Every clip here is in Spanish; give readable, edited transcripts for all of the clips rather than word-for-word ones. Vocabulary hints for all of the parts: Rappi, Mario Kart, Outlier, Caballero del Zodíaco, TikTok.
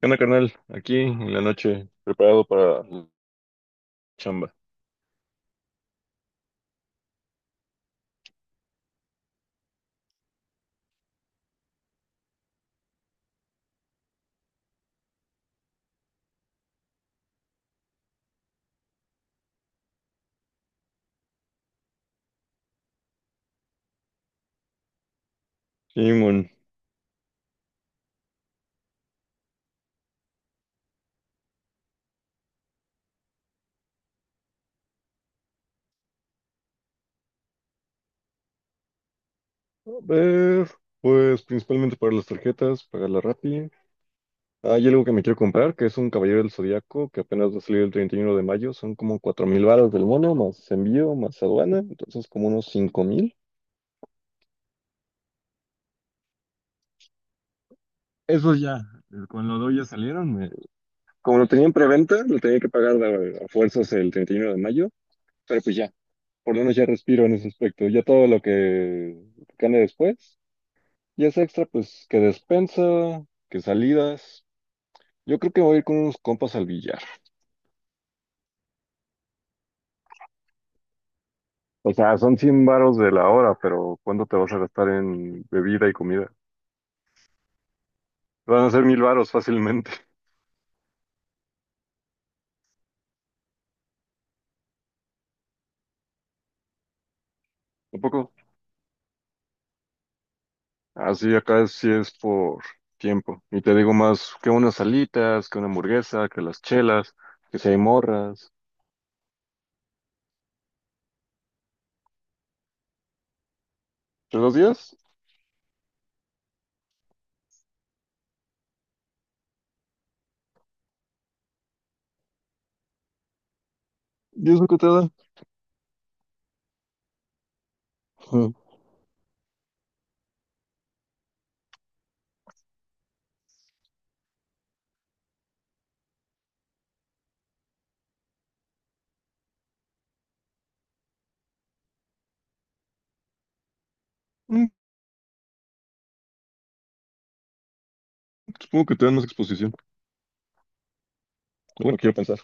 ¿Qué onda, carnal? Aquí en la noche, preparado para la chamba. Simón. A ver, pues principalmente para las tarjetas, pagar la Rappi. Hay algo que me quiero comprar, que es un Caballero del Zodíaco, que apenas va a salir el 31 de mayo. Son como 4 mil varos del mono, más envío, más aduana, entonces como unos 5 mil. Eso ya, con lo doy ya salieron. Como lo tenía en preventa, lo tenía que pagar a fuerzas el 31 de mayo, pero pues ya, por lo menos ya respiro en ese aspecto. Ya todo lo que gane después. Y es extra, pues, que despensa, que salidas. Yo creo que voy a ir con unos compas al billar. O sea, son 100 varos de la hora, pero ¿cuánto te vas a gastar en bebida y comida? Van a ser mil varos fácilmente. Un poco. Así acá sí es por tiempo. Y te digo más que unas salitas, que una hamburguesa, que las chelas, que si hay morras. ¿Pero los días? ¿Diez lo que te da? Ujú. Mm, Supongo que te dan más exposición. Bueno, quiero pensar.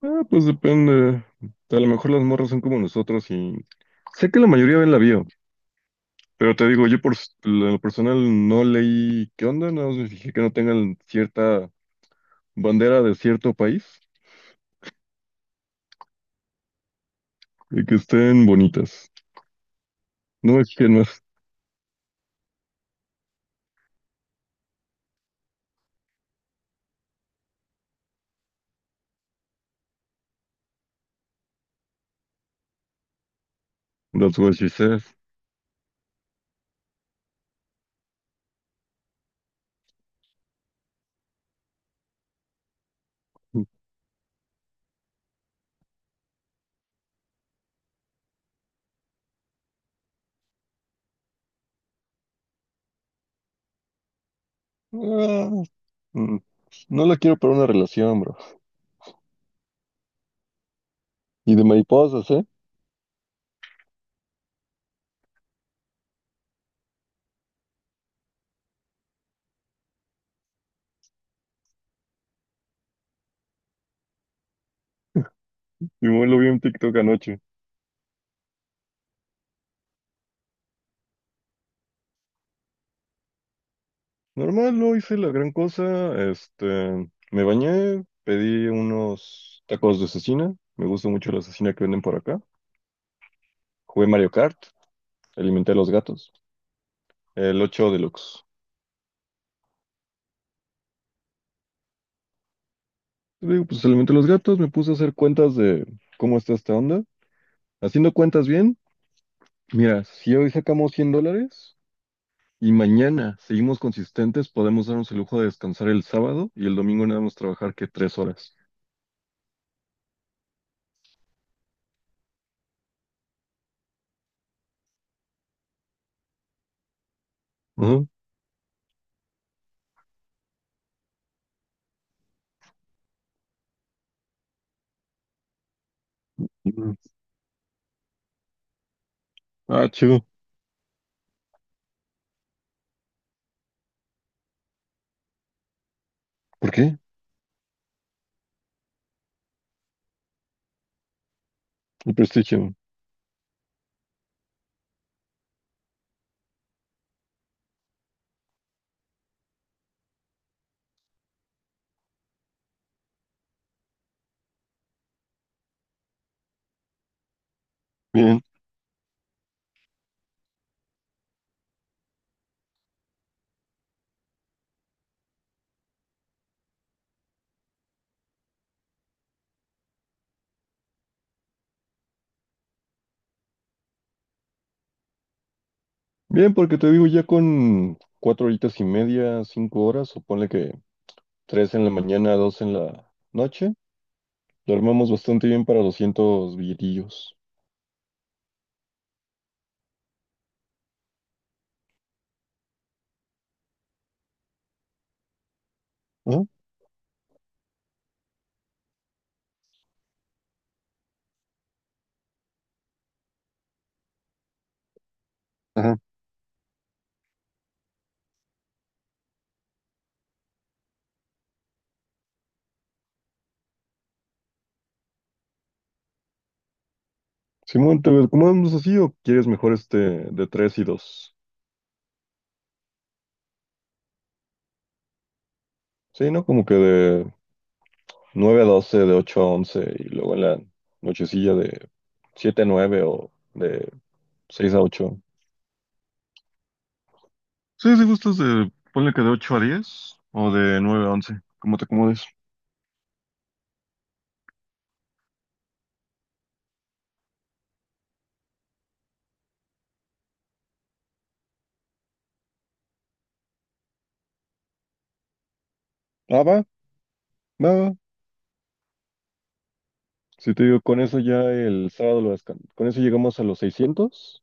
Ah, pues depende. A lo mejor las morras son como nosotros y sé que la mayoría ven la bio, pero te digo, yo lo personal no leí qué onda, nada más me fijé que no tengan cierta bandera de cierto país y que estén bonitas. No es que no es. That's what she says. Ah, mm, no la quiero para una relación, bro. Y de mariposas, ¿eh? Simón, lo vi en TikTok anoche. Normal, no hice la gran cosa. Me bañé, pedí unos tacos de cecina. Me gusta mucho la cecina que venden por acá. Jugué Mario Kart, alimenté a los gatos. El 8 Deluxe. Digo, pues alimenté a los gatos, me puse a hacer cuentas de cómo está esta onda. Haciendo cuentas bien, mira, si hoy sacamos 100 dólares y mañana seguimos consistentes, podemos darnos el lujo de descansar el sábado y el domingo nada más trabajar que tres horas. Ajá. Ah, chido. ¿Por qué? El prestigio. Bien, porque te digo, ya con cuatro horitas y media, cinco horas, o ponle que tres en la mañana, dos en la noche, lo armamos bastante bien para 200 billetillos. Ajá. Ajá. Simón, ¿te lo acomodamos así o quieres mejor este de tres y dos? Sí, ¿no? Como que de nueve a doce, de ocho a once, y luego en la nochecilla de siete a nueve o de seis a ocho. Sí, si gustas de, ponle que de ocho a diez o de nueve a once, como te acomodes. Ah, va, va, va. Si te digo, con eso ya el sábado lo descansamos. Con eso llegamos a los 600,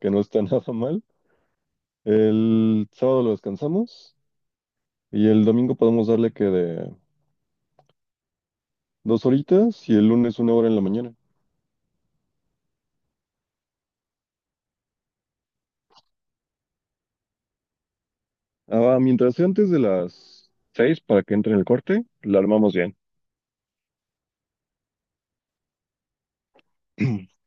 que no está nada mal. El sábado lo descansamos y el domingo podemos darle que de dos horitas y el lunes una hora en la mañana. Ah, mientras sea antes de las seis para que entre en el corte, la armamos bien.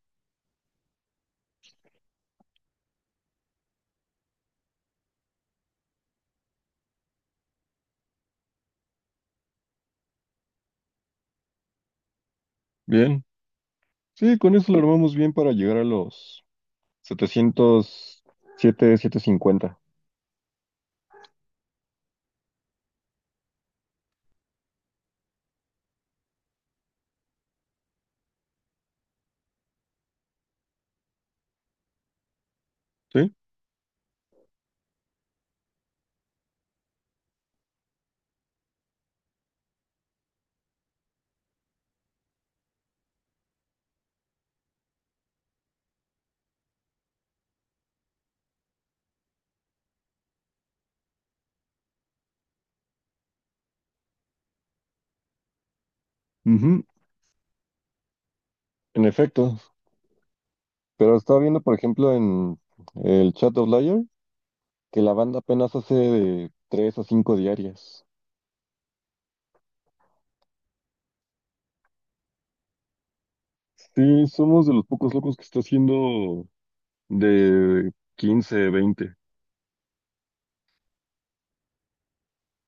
Bien. Sí, con eso lo armamos bien para llegar a los 707, 750. ¿Sí? Ujú. En efecto. Pero estaba viendo, por ejemplo, en el chat de Outlier que la banda apenas hace de tres a cinco diarias. Sí, somos de los pocos locos que está haciendo de 15, 20.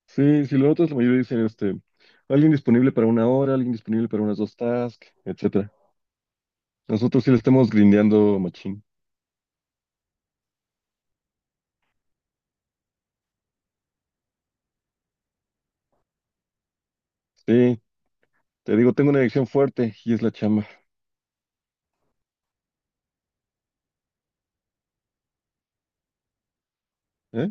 Sí, si lo notas, la mayoría dicen alguien disponible para una hora, alguien disponible para unas dos tasks, etcétera. Nosotros sí le estamos grindeando machín. Sí, te digo, tengo una adicción fuerte y es la chamba. ¿Eh?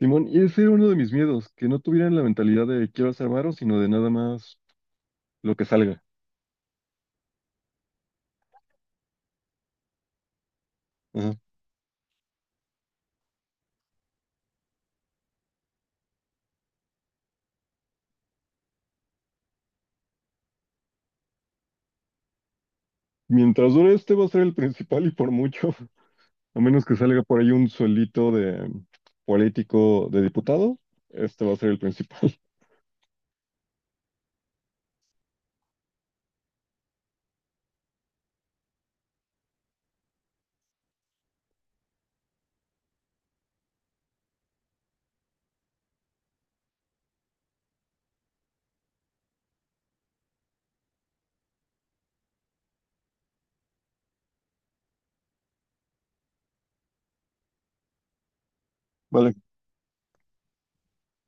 Simón, y ese era uno de mis miedos, que no tuvieran la mentalidad de quiero hacer varo, sino de nada más lo que salga. Ajá. Mientras dure este va a ser el principal y por mucho. A menos que salga por ahí un suelito de político, de diputado, este va a ser el principal. Vale.